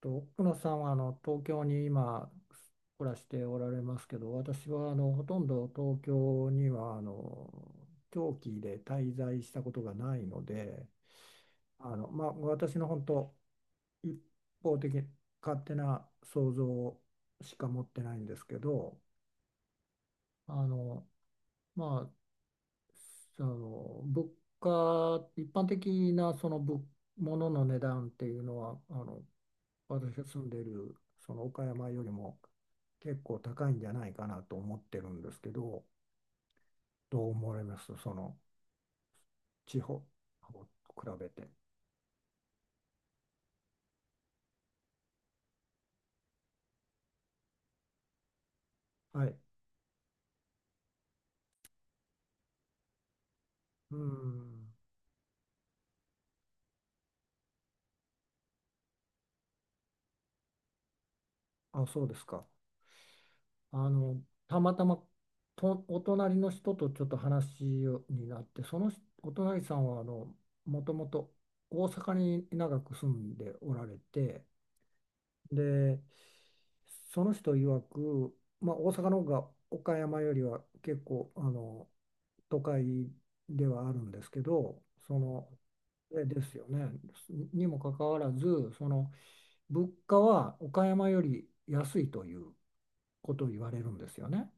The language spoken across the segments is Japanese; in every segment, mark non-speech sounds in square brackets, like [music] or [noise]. と、奥野さんは東京に今暮らしておられますけど、私はほとんど東京には長期で滞在したことがないので、私の本当一方的勝手な想像しか持ってないんですけど、あのまあその物価一般的なその物の値段っていうのは私が住んでいるその岡山よりも結構高いんじゃないかなと思ってるんですけど、どう思われますその地方と比べて。はい。うん。あ、そうですか。あの、たまたまとお隣の人とちょっと話になって、その人お隣さんはもともと大阪に長く住んでおられて、で、その人曰く、まあ、大阪の方が岡山よりは結構都会ではあるんですけど、その、えですよね。にもかかわらず、その物価は岡山より安いということを言われるんですよね。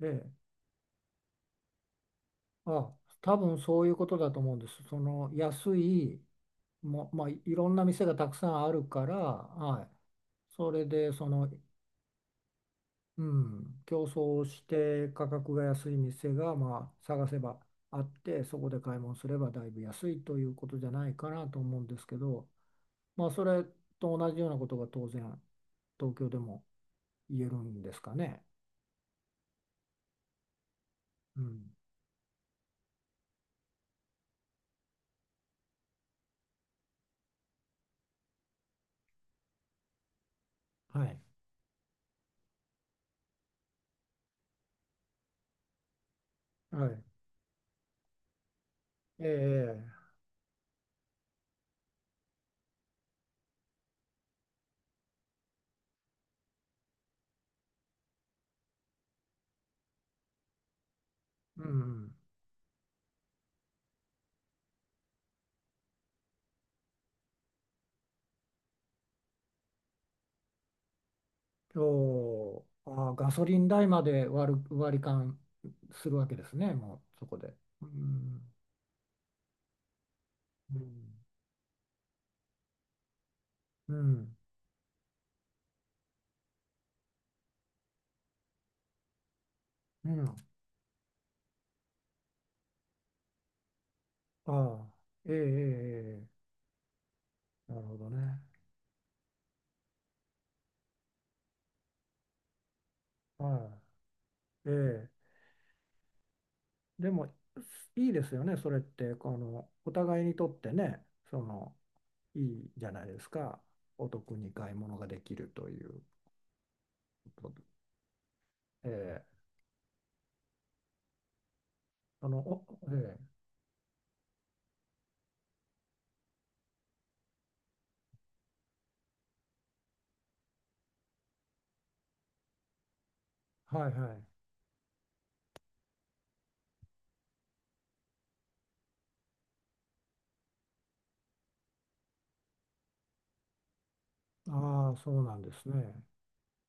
で、あ、多分そういうことだと思うんです。その安い、まあ、いろんな店がたくさんあるから、はい。それでそのうん、競争して価格が安い店がまあ探せばあってそこで買い物すればだいぶ安いということじゃないかなと思うんですけど、まあ、それと同じようなことが当然東京でも言えるんですかね。うん、はい、はい、ええうん、あーガソリン代まで割り勘するわけですねもうそこで。うん、うん、うん、うん、ああええええええなるほどね。はい。ええ。でも、いいですよね。それって、この、お互いにとってね、その、いいじゃないですか。お得に買い物ができるということで。ええ。あの、お、ええ。はいはい。ああ、そうなんですね。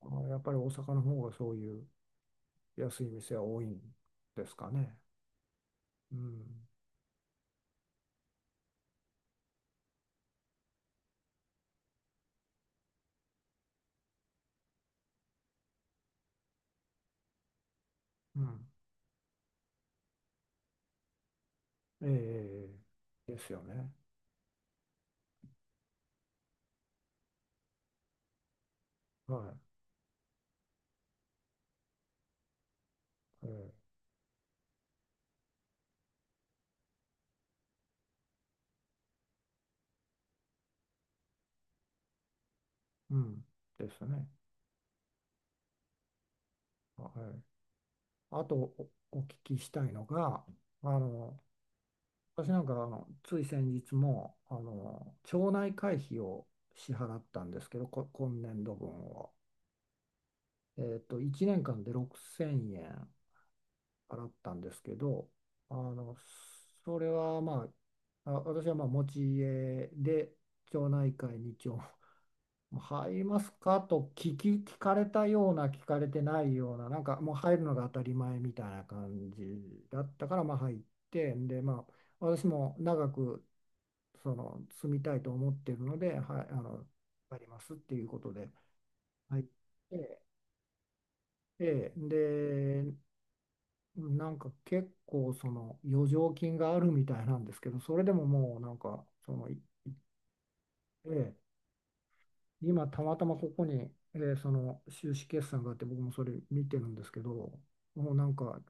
あーやっぱり大阪の方がそういう安い店は多いんですかね。うん。うん。ええ。ええええですよね。はい。ええ。うん。ですね。はい。あとお聞きしたいのが、あの、私なんかつい先日も町内会費を支払ったんですけど、今年度分を。1年間で6000円払ったんですけど、あの、それは私はまあ持ち家で町内会に入りますかと聞かれたような、聞かれてないような、なんかもう入るのが当たり前みたいな感じだったから、まあ入って、で、まあ、私も長くその住みたいと思ってるので、はい、入りますっていうことで入って、で、なんか結構その余剰金があるみたいなんですけど、それでももうなんか、その、ええ今、たまたまここに、その収支決算があって、僕もそれ見てるんですけど、もうなんか、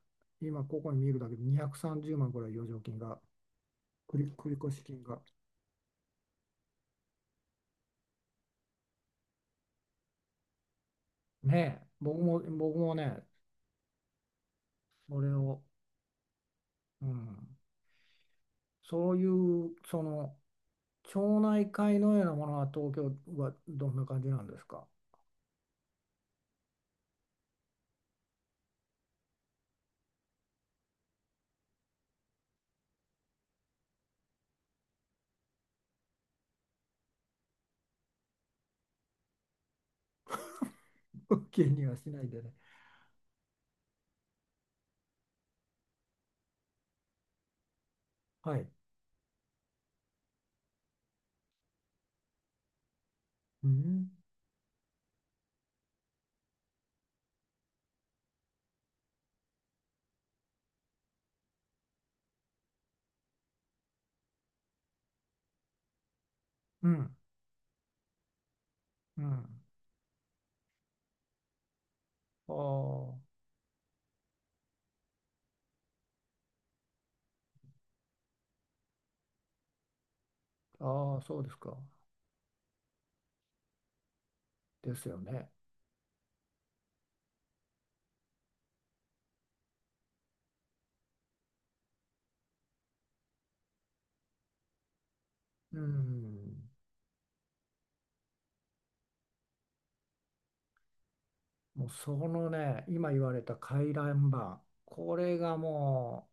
今ここに見るだけで230万ぐらい余剰金が、繰越金が。ねえ、僕もね、それを、うん、そういう、その、町内会のようなものは東京はどんな感じなんですか [laughs] 気にはしないでね。はい。うん、うん、うん。ああ、ああ、そうですか。ですよね。うん。もうそのね、今言われた回覧板、これがも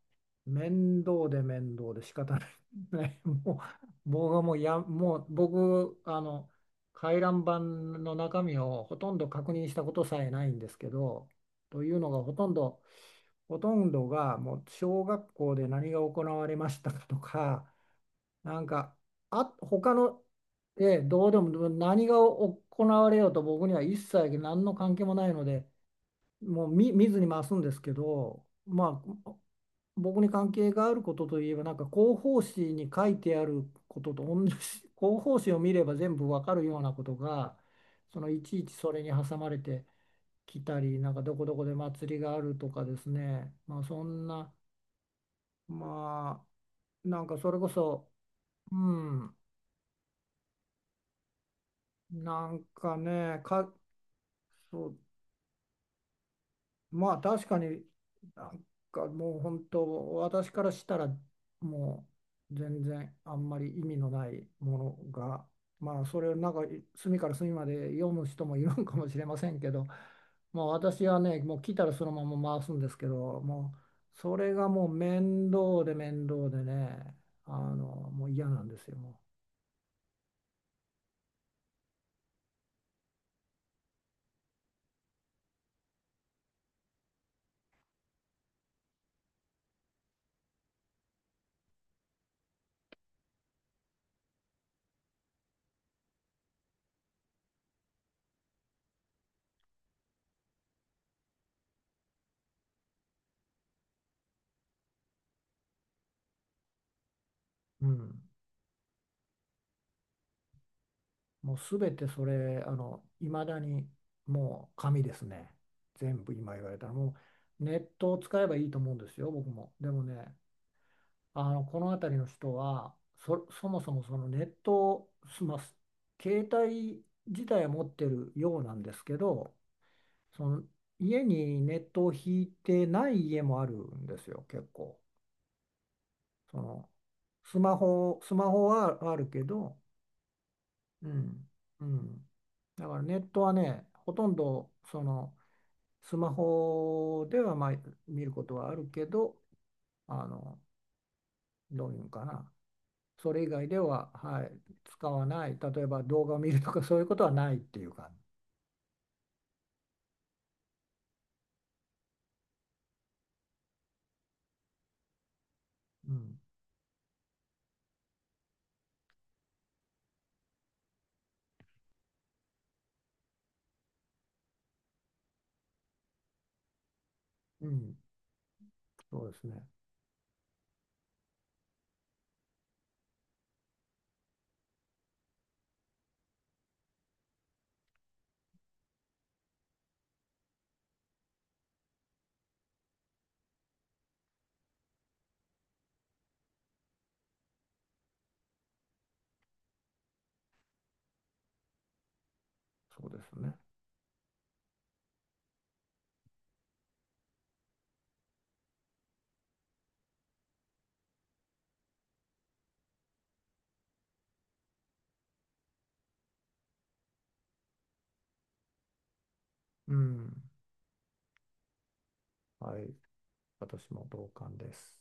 う面倒で面倒で仕方ない。[laughs] ね、もう僕はもうや、もう僕、回覧板の中身をほとんど確認したことさえないんですけど、というのがほとんど、ほとんどがもう小学校で何が行われましたかとか、なんか、あ、他の、ええ、どうでも何が行われようと僕には一切何の関係もないので、もう見ずに回すんですけど、まあ、僕に関係があることといえば、なんか広報誌に書いてあることと同じ、[laughs] 広報誌を見れば全部わかるようなことが、そのいちいちそれに挟まれてきたり、なんかどこどこで祭りがあるとかですね、まあ、そんな、まあ、なんかそれこそ、うん、なんかね、か、そうまあ確かになんかもう本当私からしたらもう全然あんまり意味のないものがまあそれをなんか隅から隅まで読む人もいるんかもしれませんけどまあ私はねもう来たらそのまま回すんですけどもうそれがもう面倒で面倒でねあのもう嫌なんですよもう。うんもうすべてそれ、いまだにもう紙ですね。全部今言われたら、もうネットを使えばいいと思うんですよ、僕も。でもね、この辺りの人は、そもそもそのネットを済ます、携帯自体は持ってるようなんですけど、その家にネットを引いてない家もあるんですよ、結構。そのスマホはあるけど、うん、うん、だからネットはね、ほとんどそのスマホではまあ見ることはあるけど、あの、どういうんかな、それ以外では、はい、使わない、例えば動画を見るとかそういうことはないっていう感じ。うん、うん、そうですね、そうですね。うん、はい、私も同感です。